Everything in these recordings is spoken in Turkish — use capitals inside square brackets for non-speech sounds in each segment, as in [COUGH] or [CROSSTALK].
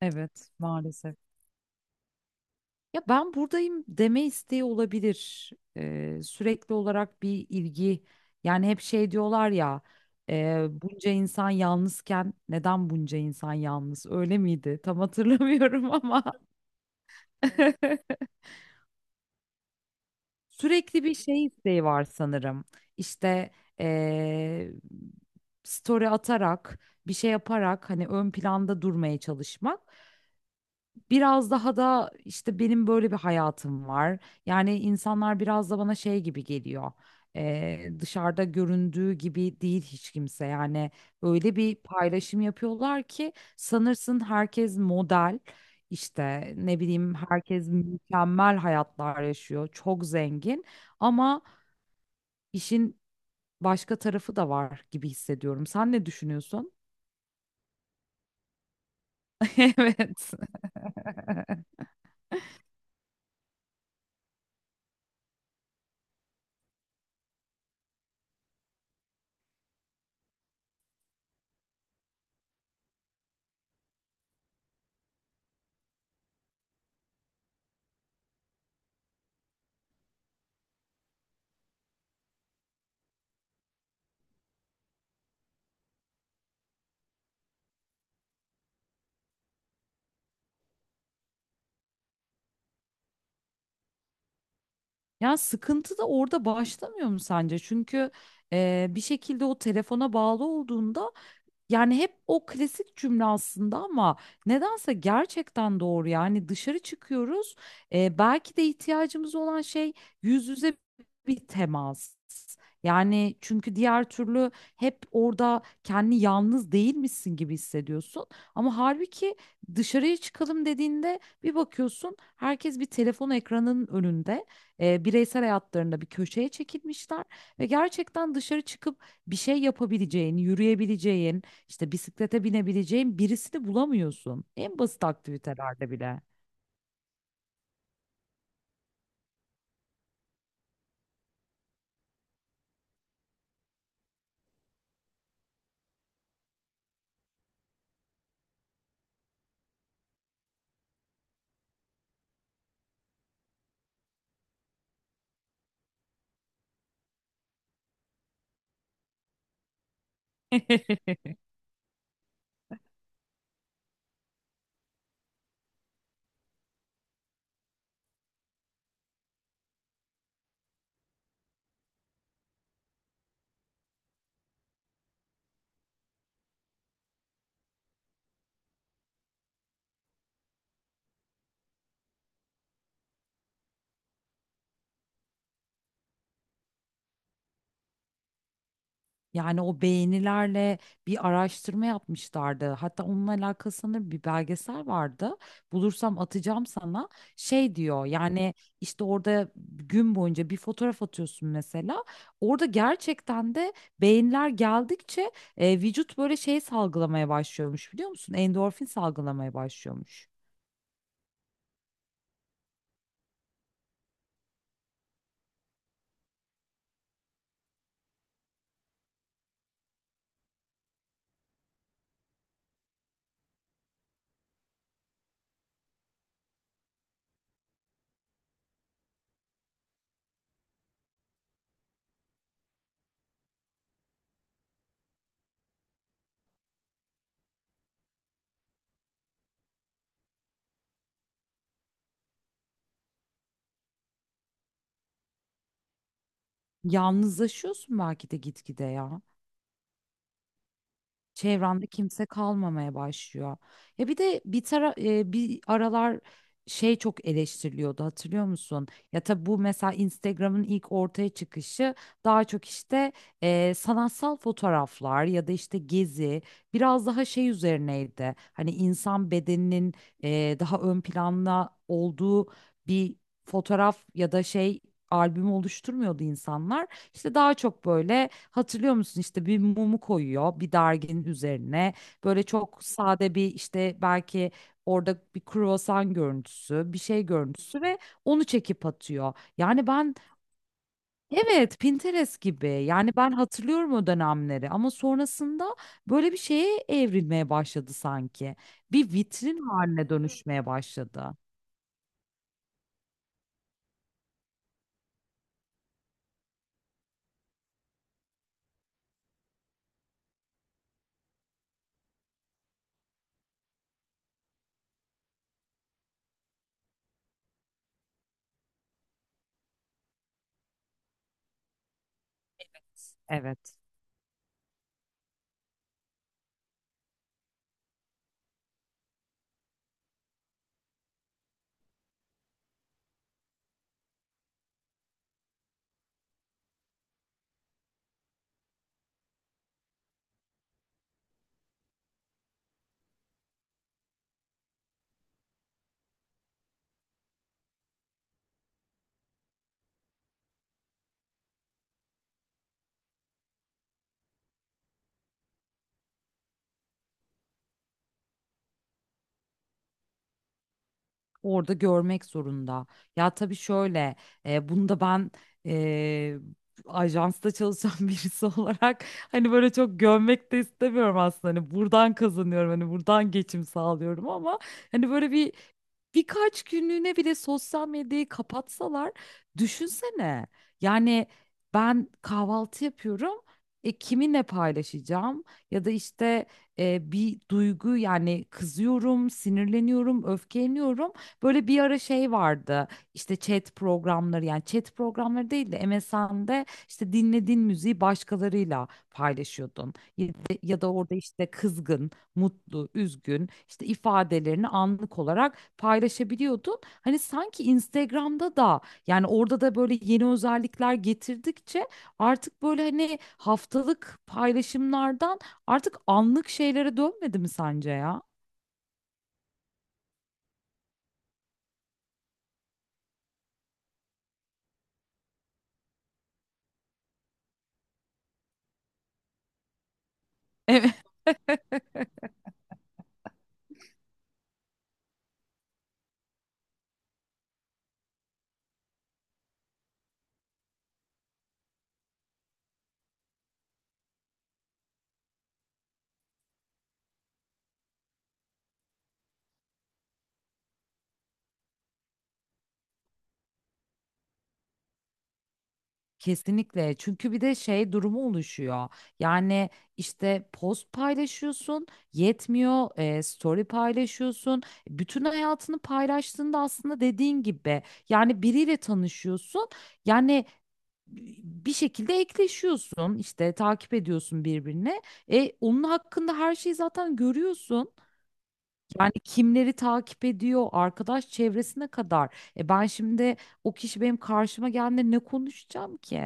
Evet, maalesef. Ya ben buradayım deme isteği olabilir. Sürekli olarak bir ilgi. Yani hep şey diyorlar ya, bunca insan yalnızken neden bunca insan yalnız? Öyle miydi? Tam hatırlamıyorum ama [LAUGHS] sürekli bir şey isteği var sanırım. İşte e, story atarak, bir şey yaparak hani ön planda durmaya çalışmak. Biraz daha da işte benim böyle bir hayatım var. Yani insanlar biraz da bana şey gibi geliyor. Dışarıda göründüğü gibi değil hiç kimse. Yani öyle bir paylaşım yapıyorlar ki sanırsın herkes model. İşte ne bileyim herkes mükemmel hayatlar yaşıyor. Çok zengin ama işin başka tarafı da var gibi hissediyorum. Sen ne düşünüyorsun? [LAUGHS] Evet. [LAUGHS] Ya sıkıntı da orada başlamıyor mu sence? Çünkü bir şekilde o telefona bağlı olduğunda yani hep o klasik cümle aslında ama nedense gerçekten doğru. Yani dışarı çıkıyoruz. Belki de ihtiyacımız olan şey yüz yüze bir temas. Yani çünkü diğer türlü hep orada kendi yalnız değilmişsin gibi hissediyorsun. Ama halbuki dışarıya çıkalım dediğinde bir bakıyorsun herkes bir telefon ekranının önünde, bireysel hayatlarında bir köşeye çekilmişler ve gerçekten dışarı çıkıp bir şey yapabileceğin, yürüyebileceğin, işte bisiklete binebileceğin birisini bulamıyorsun. En basit aktivitelerde bile. [LAUGHS] Yani o beğenilerle bir araştırma yapmışlardı. Hatta onunla alakalı sanırım bir belgesel vardı. Bulursam atacağım sana. Şey diyor yani işte orada gün boyunca bir fotoğraf atıyorsun mesela. Orada gerçekten de beğeniler geldikçe vücut böyle şey salgılamaya başlıyormuş biliyor musun? Endorfin salgılamaya başlıyormuş. Yalnızlaşıyorsun belki de gitgide ya. Çevrende kimse kalmamaya başlıyor. Ya bir de bir tara e, Bir aralar şey çok eleştiriliyordu hatırlıyor musun? Ya tabii bu mesela Instagram'ın ilk ortaya çıkışı daha çok işte sanatsal fotoğraflar ya da işte gezi biraz daha şey üzerineydi. Hani insan bedeninin daha ön planda olduğu bir fotoğraf ya da şey albümü oluşturmuyordu insanlar. İşte daha çok böyle hatırlıyor musun işte bir mumu koyuyor bir derginin üzerine. Böyle çok sade bir işte belki orada bir kruvasan görüntüsü, bir şey görüntüsü ve onu çekip atıyor. Yani ben evet Pinterest gibi yani ben hatırlıyorum o dönemleri ama sonrasında böyle bir şeye evrilmeye başladı sanki. Bir vitrin haline dönüşmeye başladı. Evet, orada görmek zorunda. Ya tabii şöyle, e, bunu da ben e, ajansta çalışan [LAUGHS] birisi olarak hani böyle çok gömmek de istemiyorum aslında. Hani buradan kazanıyorum, hani buradan geçim sağlıyorum ama hani böyle bir birkaç günlüğüne bile sosyal medyayı kapatsalar düşünsene. Yani ben kahvaltı yapıyorum. E, kiminle paylaşacağım ya da işte bir duygu yani kızıyorum, sinirleniyorum, öfkeleniyorum. Böyle bir ara şey vardı işte chat programları yani chat programları değil de MSN'de işte dinlediğin müziği başkalarıyla paylaşıyordun. Ya da orada işte kızgın, mutlu, üzgün işte ifadelerini anlık olarak paylaşabiliyordun. Hani sanki Instagram'da da yani orada da böyle yeni özellikler getirdikçe artık böyle hani haftalık paylaşımlardan artık anlık şeylere dönmedi mi sence ya? Evet. Kesinlikle. Çünkü bir de şey durumu oluşuyor. Yani işte post paylaşıyorsun, yetmiyor, story paylaşıyorsun. Bütün hayatını paylaştığında aslında dediğin gibi yani biriyle tanışıyorsun. Yani bir şekilde ekleşiyorsun işte takip ediyorsun birbirine. E, onun hakkında her şeyi zaten görüyorsun. Yani kimleri takip ediyor, arkadaş çevresine kadar. E ben şimdi o kişi benim karşıma geldiğinde ne konuşacağım ki?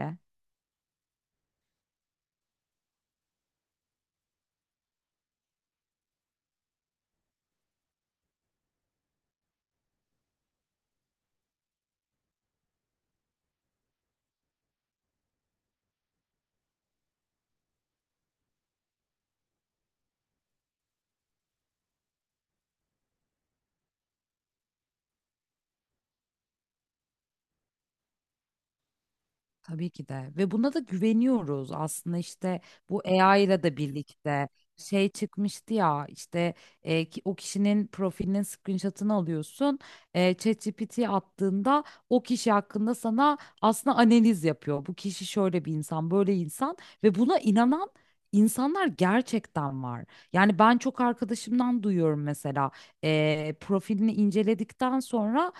Tabii ki de ve buna da güveniyoruz aslında işte bu AI ile de birlikte şey çıkmıştı ya işte o kişinin profilinin screenshot'ını alıyorsun, ChatGPT 'ye attığında o kişi hakkında sana aslında analiz yapıyor bu kişi şöyle bir insan böyle insan ve buna inanan insanlar gerçekten var yani ben çok arkadaşımdan duyuyorum mesela, profilini inceledikten sonra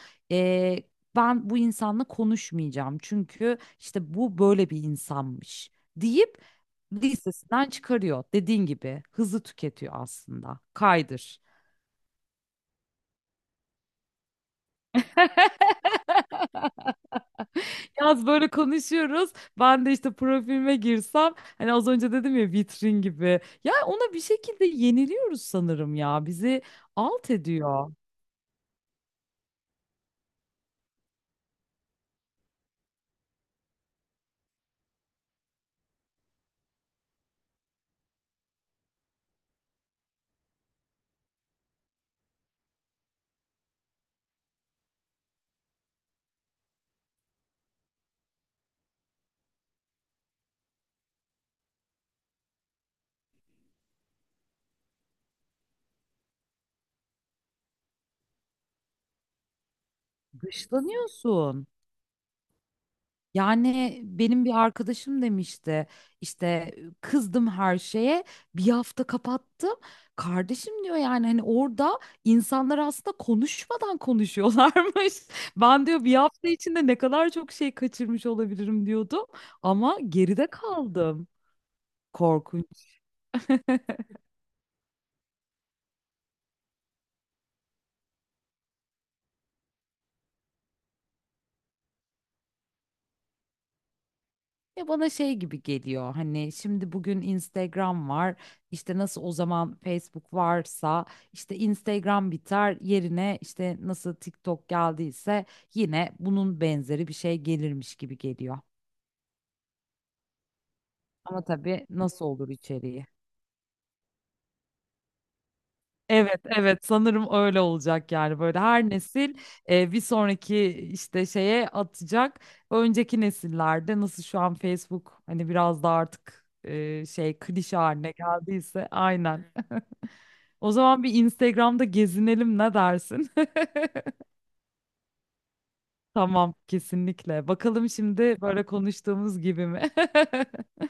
ben bu insanla konuşmayacağım çünkü işte bu böyle bir insanmış deyip listesinden çıkarıyor. Dediğin gibi hızı tüketiyor aslında. Kaydır. Yaz böyle konuşuyoruz. Ben de işte profilime girsem hani az önce dedim ya vitrin gibi. Ya ona bir şekilde yeniliyoruz sanırım ya. Bizi alt ediyor. Dışlanıyorsun. Yani benim bir arkadaşım demişti işte kızdım her şeye bir hafta kapattım. Kardeşim diyor yani hani orada insanlar aslında konuşmadan konuşuyorlarmış. [LAUGHS] Ben diyor bir hafta içinde ne kadar çok şey kaçırmış olabilirim diyordum ama geride kaldım. Korkunç. [LAUGHS] Ya bana şey gibi geliyor hani şimdi bugün Instagram var işte nasıl o zaman Facebook varsa işte Instagram biter yerine işte nasıl TikTok geldiyse yine bunun benzeri bir şey gelirmiş gibi geliyor. Ama tabii nasıl olur içeriği? Evet, evet sanırım öyle olacak yani böyle her nesil bir sonraki işte şeye atacak. Önceki nesillerde nasıl şu an Facebook hani biraz da artık şey klişe haline geldiyse aynen. O zaman bir Instagram'da gezinelim ne dersin? [LAUGHS] Tamam, kesinlikle. Bakalım şimdi böyle konuştuğumuz gibi mi? [LAUGHS]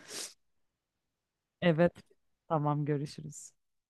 Evet. Tamam, görüşürüz.